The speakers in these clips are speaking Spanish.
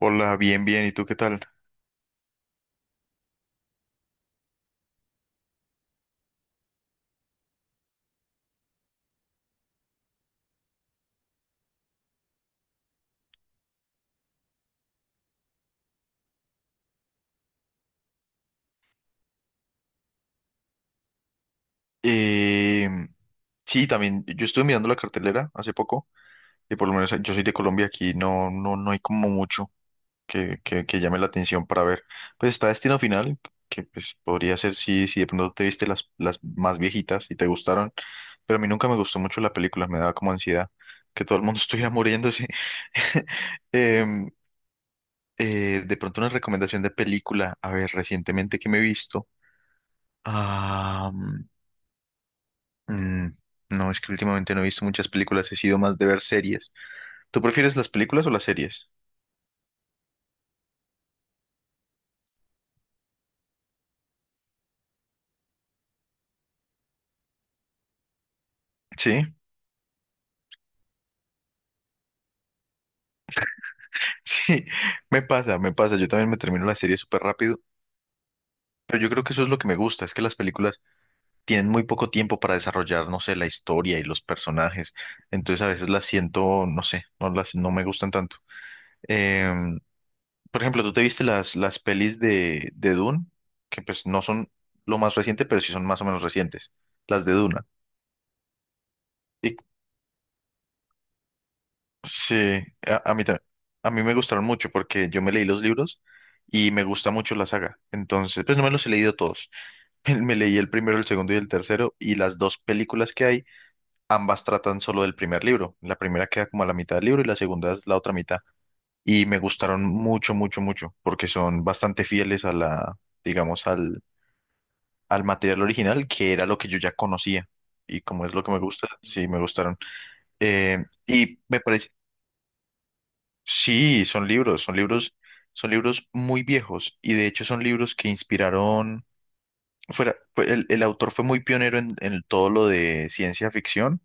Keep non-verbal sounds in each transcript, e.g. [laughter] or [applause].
Hola, bien, bien. ¿Y tú qué tal? Eh, sí, también yo estuve mirando la cartelera hace poco y por lo menos yo soy de Colombia, aquí no hay como mucho que llame la atención para ver. Pues está Destino Final, que pues podría ser si de pronto te viste las más viejitas y te gustaron, pero a mí nunca me gustó mucho la película, me daba como ansiedad que todo el mundo [laughs] estuviera muriéndose. [laughs] Em, de pronto una recomendación de película, a ver, recientemente que me he visto. Ah, mm, no, es que últimamente no he visto muchas películas, he sido más de ver series. ¿Tú prefieres las películas o las series? Sí. [laughs] Sí, me pasa. Yo también me termino la serie súper rápido, pero yo creo que eso es lo que me gusta, es que las películas tienen muy poco tiempo para desarrollar, no sé, la historia y los personajes. Entonces a veces las siento, no sé, no me gustan tanto. Em, por ejemplo, ¿tú te viste las pelis de Dune? Que pues no son lo más reciente, pero sí son más o menos recientes, las de Duna. Sí, a, a mí, ta- a mí me gustaron mucho porque yo me leí los libros y me gusta mucho la saga. Entonces, pues no me los he leído todos. [laughs] Me leí el primero, el segundo y el tercero y las dos películas que hay, ambas tratan solo del primer libro. La primera queda como a la mitad del libro y la segunda es la otra mitad. Y me gustaron mucho, mucho, mucho porque son bastante fieles a la, digamos, al, al material original que era lo que yo ya conocía. Y como es lo que me gusta, sí, me gustaron. Eh, y me parece... Sí, son libros muy viejos y de hecho son libros que inspiraron, el autor fue muy pionero en todo lo de ciencia ficción,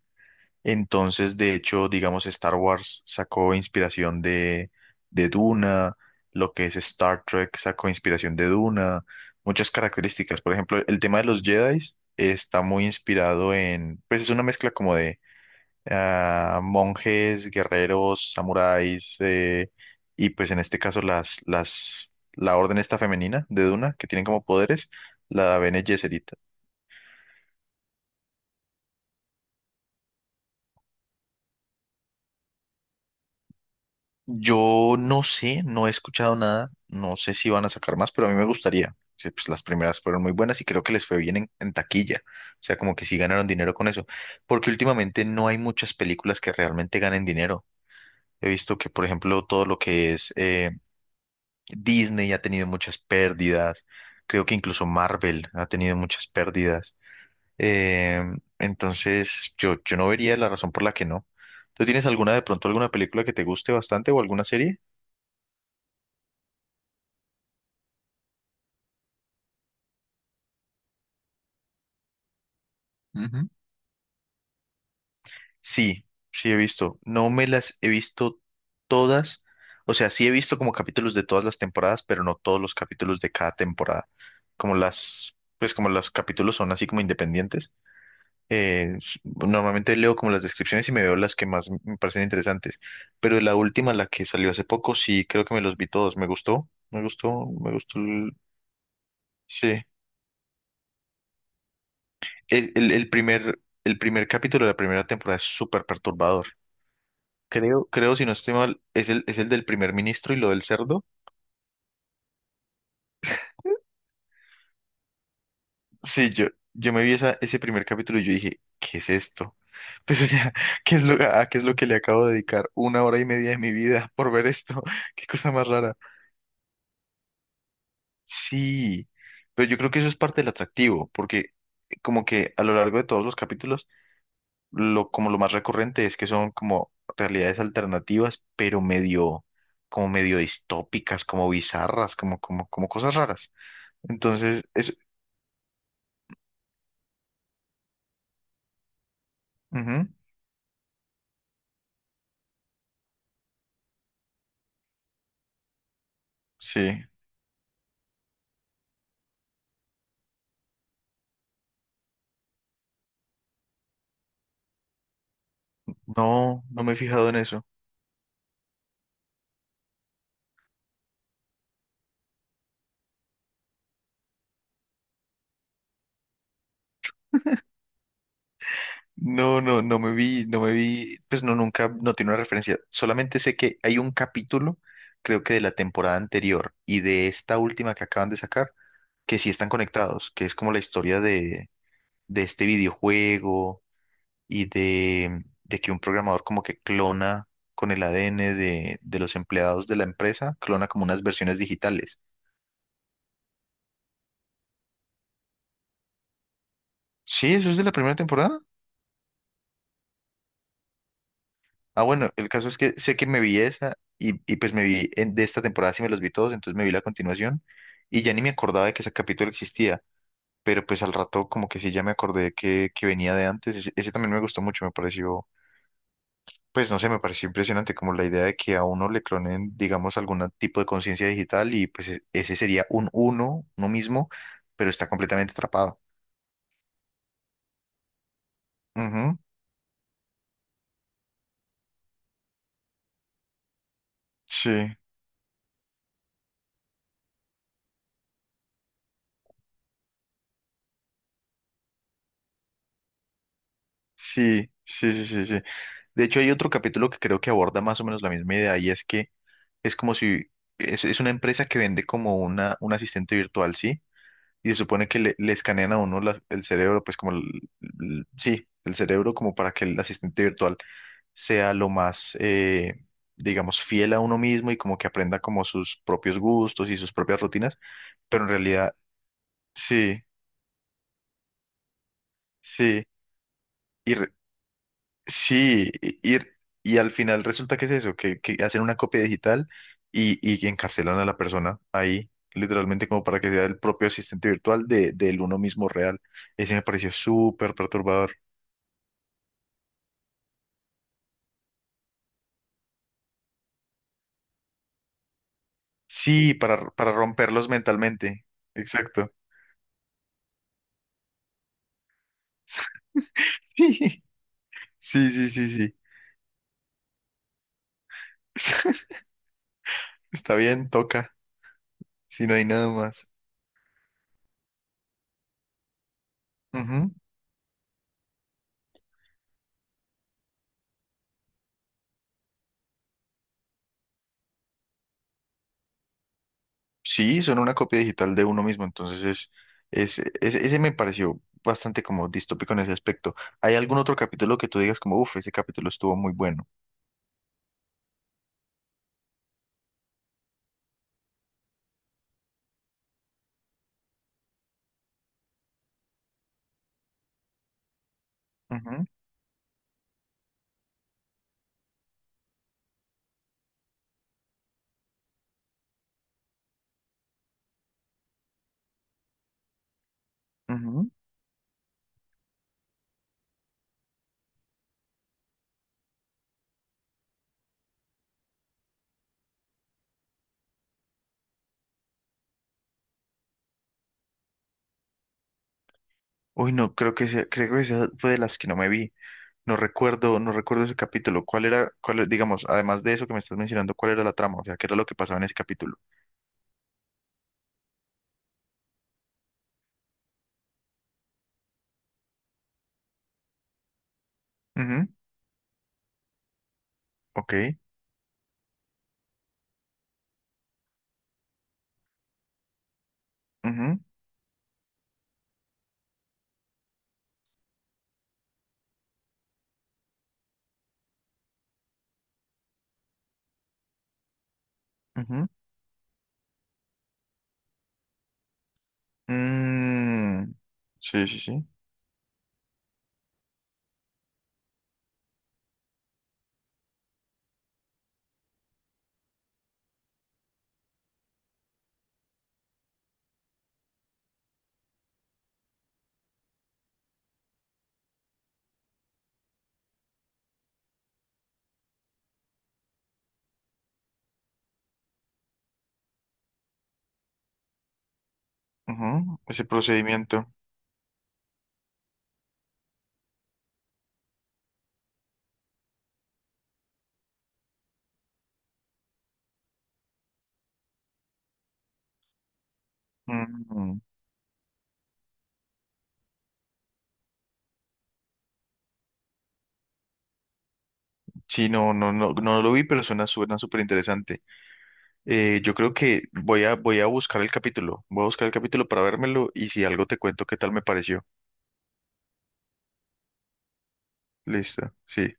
entonces de hecho, digamos, Star Wars sacó inspiración de Duna, lo que es Star Trek sacó inspiración de Duna, muchas características, por ejemplo, el tema de los Jedi está muy inspirado en, pues es una mezcla como de ah, monjes, guerreros, samuráis, y pues en este caso la orden esta femenina de Duna, que tienen como poderes, la Bene Gesserit. Yo no sé, no he escuchado nada, no sé si van a sacar más, pero a mí me gustaría. Sí. Pues las primeras fueron muy buenas y creo que les fue bien en taquilla. O sea, como que sí ganaron dinero con eso. Porque últimamente no hay muchas películas que realmente ganen dinero. He visto que, por ejemplo, todo lo que es Disney ha tenido muchas pérdidas, creo que incluso Marvel ha tenido muchas pérdidas. Eh, entonces, yo no vería la razón por la que no. ¿Tú tienes alguna de pronto, alguna película que te guste bastante o alguna serie? Ujú. Sí, sí he visto. No me las he visto todas. O sea, sí he visto como capítulos de todas las temporadas, pero no todos los capítulos de cada temporada. Como las, pues como los capítulos son así como independientes, normalmente leo como las descripciones y me veo las que más me parecen interesantes, pero la última, la que salió hace poco, sí creo que me los vi todos, me gustó, el- sí. El primer capítulo de la primera temporada es súper perturbador. Creo, si no estoy mal, es el del primer ministro y lo del cerdo. Sí, yo me vi esa, ese primer capítulo y yo dije, ¿qué es esto? [laughs] Pues, o sea, ¿qué es a qué es lo que le acabo de dedicar una hora y media de mi vida por ver esto? [laughs] Qué cosa más rara. Sí, pero yo creo que eso es parte del atractivo, porque como que a lo largo de todos los capítulos, como lo más recurrente es que son como realidades alternativas, pero como medio distópicas, como bizarras, como cosas raras. Entonces, es, ujú, sí, no, no me he fijado en eso. No me vi, pues no, nunca, no tiene una referencia. Solamente sé que hay un capítulo, creo que de la temporada anterior y de esta última que acaban de sacar que sí están conectados, que es como la historia de este videojuego y de que un programador como que clona con el ADN de los empleados de la empresa, clona como unas versiones digitales. Sí, eso es de la primera temporada. Ah, bueno, el caso es que sé que me vi esa y pues me vi en- de esta temporada, sí me los vi todos, entonces me vi la continuación y ya ni me acordaba de que ese capítulo existía, pero pues al rato como que sí ya me acordé que venía de antes, ese también me gustó mucho, me pareció. Pues no sé, me pareció impresionante como la idea de que a uno le clonen, digamos, algún tipo de conciencia digital y pues ese sería un uno mismo, pero está completamente atrapado. Ujú. Sí, sí, sí, sí, sí, sí. De hecho, hay otro capítulo que creo que aborda más o menos la misma idea y es que es como si es una empresa que vende como una, un asistente virtual, ¿sí? Y se supone que le escanean a uno el cerebro, pues como, sí, el cerebro como para que el asistente virtual sea lo más, digamos, fiel a uno mismo y como que aprenda como sus propios gustos y sus propias rutinas, pero en realidad sí, sí, y re- sí, y al final resulta que es eso, que hacen una copia digital y encarcelan a la persona ahí. Literalmente como para que sea el propio asistente virtual del uno mismo real. Ese me pareció súper perturbador. Sí, para romperlos mentalmente. Exacto. [laughs] Sí, sí, sí, sí. [laughs] Está bien, toca, si no hay nada más. Ujú. Sí, son una copia digital de uno mismo, entonces es, ese me pareció bastante como distópico en ese aspecto. ¿Hay algún otro capítulo que tú digas como, uff, ese capítulo estuvo muy bueno? Ujú, ujú. Uy, no, creo que creo que esa fue de las que no me vi. No recuerdo ese capítulo. ¿Cuál era, digamos, además de eso que me estás mencionando, cuál era la trama? O sea, ¿qué era lo que pasaba en ese capítulo? Ujú, ok, ujú, ujú. Mm, sí, sí, sí. Ujú. Ese procedimiento. Mm, sí, no, no, no, no lo vi, pero suena, suena súper interesante. Yo creo que voy a buscar el capítulo. Voy a buscar el capítulo para vérmelo y si algo te cuento qué tal me pareció. Listo, sí.